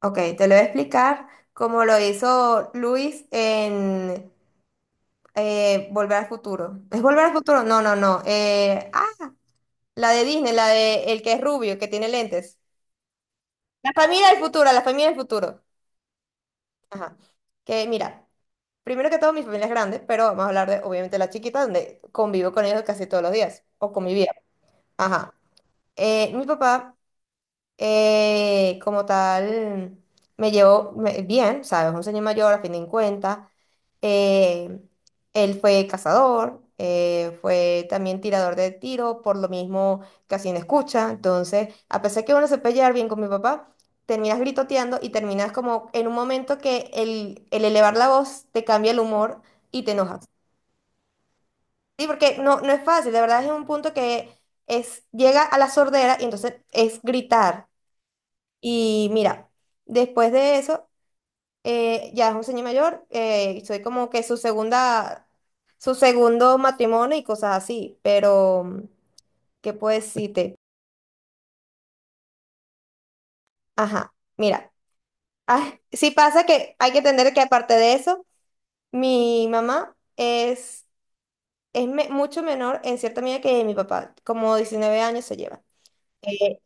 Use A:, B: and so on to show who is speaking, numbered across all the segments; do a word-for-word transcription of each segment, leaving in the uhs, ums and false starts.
A: Ok, te lo voy a explicar como lo hizo Luis en eh, Volver al Futuro. ¿Es Volver al Futuro? No, no, no. Eh, ah, la de Disney, la de el que es rubio, que tiene lentes. La familia del futuro, la familia del futuro. Ajá. Que mira, primero que todo mi familia es grande, pero vamos a hablar de obviamente la chiquita, donde convivo con ellos casi todos los días, o convivía. Ajá. Eh, mi papá, Eh, como tal, me llevo me- bien, ¿sabes? Un señor mayor, a fin de cuentas. Eh, Él fue cazador, eh, fue también tirador de tiro, por lo mismo casi no escucha. Entonces, a pesar que uno se puede llevar bien con mi papá, terminas gritoteando y terminas como en un momento que el, el elevar la voz te cambia el humor y te enojas. Sí, porque no, no es fácil, de verdad es un punto que es, llega a la sordera y entonces es gritar. Y mira, después de eso, eh, ya es un señor mayor, eh, soy como que su segunda, su segundo matrimonio y cosas así, pero, mm, ¿qué puedo decirte? Ajá, mira, ah, sí pasa que hay que entender que aparte de eso, mi mamá es, es me- mucho menor en cierta medida que mi papá, como diecinueve años se lleva. Eh,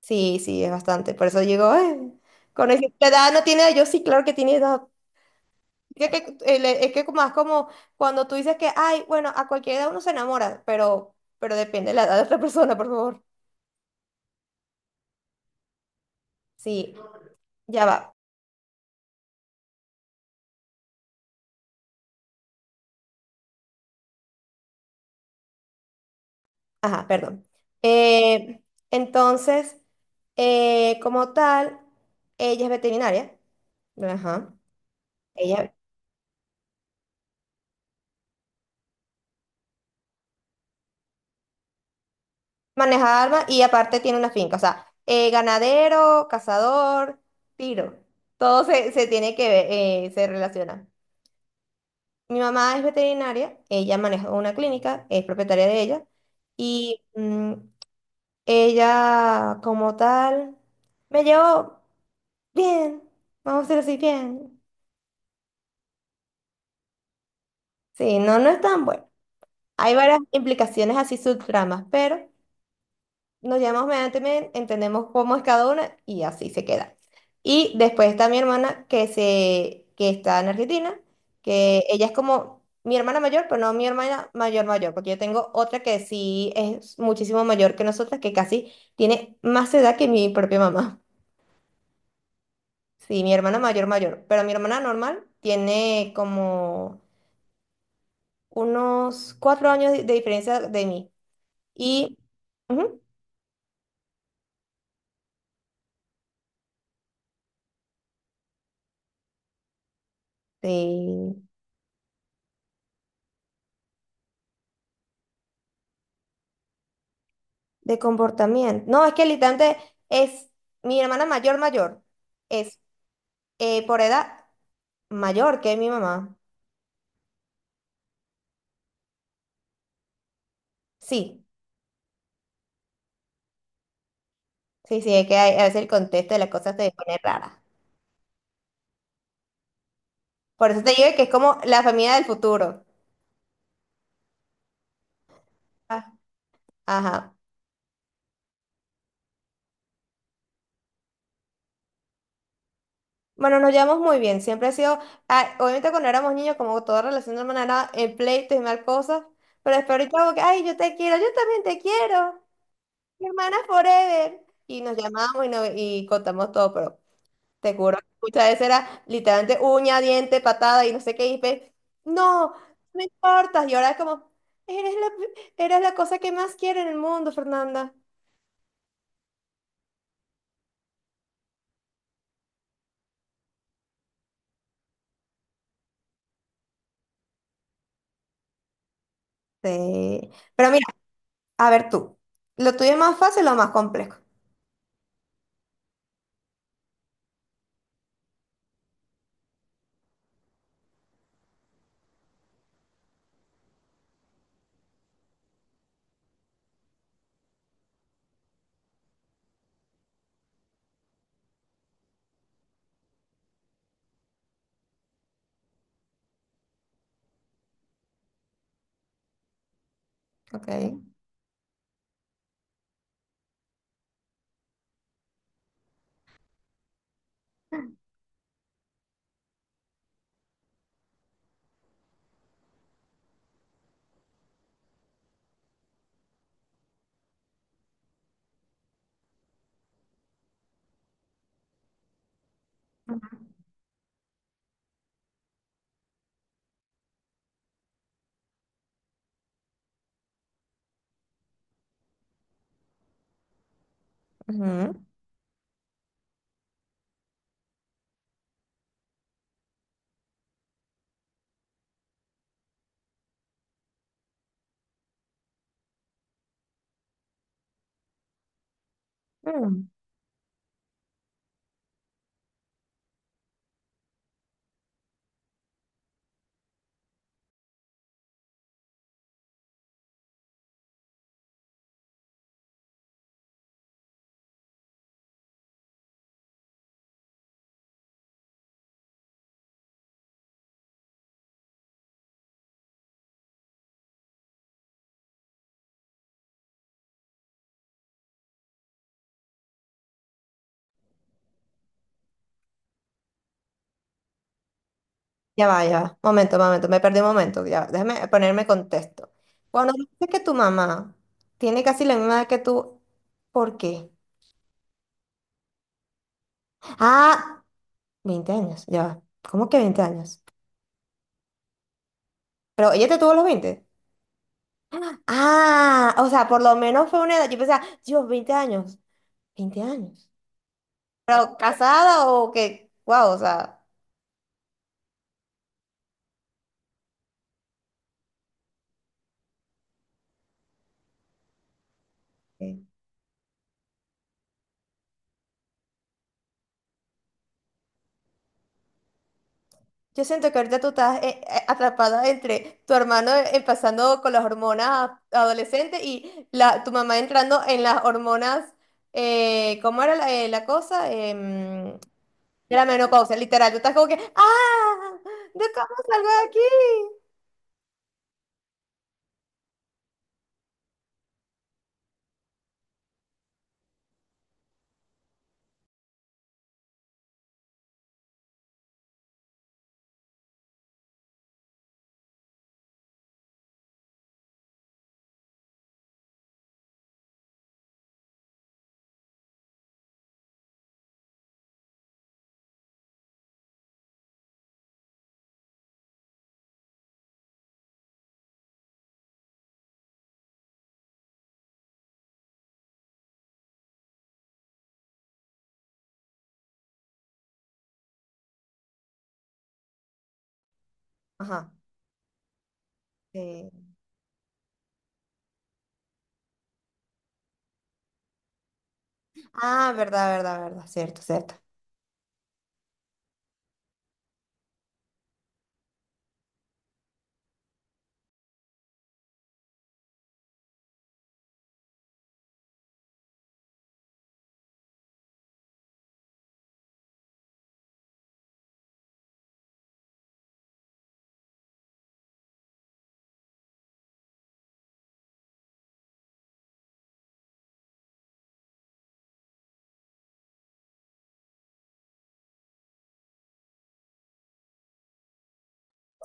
A: sí, sí, es bastante, por eso digo, "Ay, con esa edad no tiene, yo sí, claro que tiene edad. Es que, el- es que como es como cuando tú dices que, ay, bueno, a cualquier edad uno se enamora, pero, pero depende de la edad de otra persona, por favor. Sí, ya va. Ajá, perdón. Eh, entonces, eh, como tal, ella es veterinaria. Ajá. Ella maneja armas y aparte tiene una finca. O sea, eh, ganadero, cazador, tiro. Todo se, se tiene que ver, eh, se relaciona. Mi mamá es veterinaria, ella maneja una clínica, es propietaria de ella, y mm, ella como tal me llevó bien, vamos a decir así, bien. Sí, no, no es tan bueno. Hay varias implicaciones así subtramas, pero nos llamamos mediante medianamente, entendemos cómo es cada una y así se queda. Y después está mi hermana que se, que está en Argentina, que ella es como mi hermana mayor, pero no mi hermana mayor mayor, porque yo tengo otra que sí es muchísimo mayor que nosotras, que casi tiene más edad que mi propia mamá. Sí, mi hermana mayor mayor, pero mi hermana normal tiene como unos cuatro años de de diferencia de mí. Y ujú, sí. De comportamiento. No, es que literalmente es mi hermana mayor mayor. Es, eh, por edad mayor que mi mamá. Sí, sí, sí, es que hay- a veces el contexto de las cosas se pone rara. Por eso te digo que es como la familia del futuro. Ah, Ajá. Bueno, nos llevamos muy bien. Siempre ha sido, ah, obviamente cuando éramos niños, como toda relación de hermana era en pleitos y mal cosas, pero después ahorita como que, ay, yo te quiero, yo también te quiero. Mi hermana forever. Y nos llamamos y, nos, y contamos todo, pero... Te juro que muchas veces era literalmente uña, diente, patada y no sé qué. Y pe- no, no importa. Y ahora es como, eres la, eres la cosa que más quiero en el mundo, Fernanda. Sí. Pero mira, a ver tú. ¿Lo tuyo es más fácil o más complejo? Ok. Ujú. Mm. Ya va, ya va. Momento, momento. Me perdí un momento. Ya va. Déjame ponerme contexto. Cuando dices que tu mamá tiene casi la misma edad que tú, ¿por qué? Ah, veinte años. Ya va. ¿Cómo que veinte años? Pero ella te tuvo a los veinte. Ah, o sea, por lo menos fue una edad. Yo pensaba, Dios, veinte años. Veinte años. Pero casada o que, wow, o sea. eh, Yo siento que ahorita tú estás eh, eh, atrapada entre tu hermano, eh, empezando con las hormonas adolescentes, y la, tu mamá entrando en las hormonas, eh, ¿cómo era la, eh, la cosa? Em, de la menopausia, literal. Tú estás como que, ¡ah! ¿De cómo salgo de aquí? Ajá. Sí. Ah, verdad, verdad, verdad. Cierto, cierto.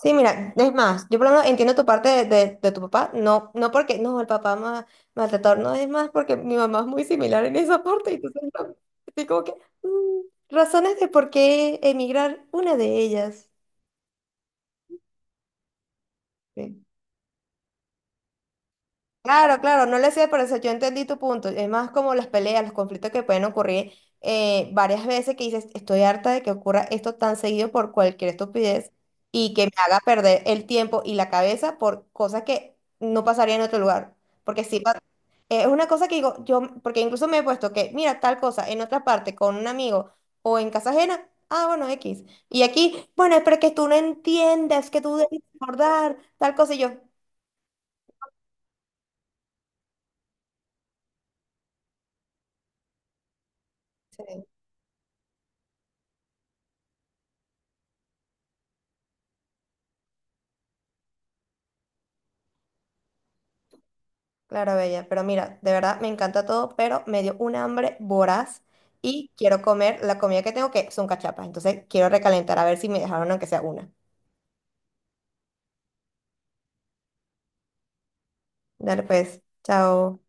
A: Sí, mira, es más, yo por lo menos entiendo tu parte de, de- de tu papá, no, no porque, no, el papá más maltratador, no, es más porque mi mamá es muy similar en esa parte, entonces no, estoy como que, mm, razones de por qué emigrar, una de ellas. Sí. Claro, claro, no le sé, pero eso yo entendí tu punto. Es más como las peleas, los conflictos que pueden ocurrir, eh, varias veces, que dices, estoy harta de que ocurra esto tan seguido por cualquier estupidez y que me haga perder el tiempo y la cabeza por cosas que no pasaría en otro lugar. Porque sí, pa- eh, es una cosa que digo, yo, porque incluso me he puesto que, mira, tal cosa en otra parte con un amigo o en casa ajena, ah, bueno, X. Y aquí, bueno, pero que tú no entiendes, que tú debes recordar tal cosa y yo. "Sí". Claro, Bella, pero mira, de verdad me encanta todo, pero me dio un hambre voraz y quiero comer la comida que tengo, que son cachapas. Entonces quiero recalentar a ver si me dejaron aunque sea una. Dale pues, chao.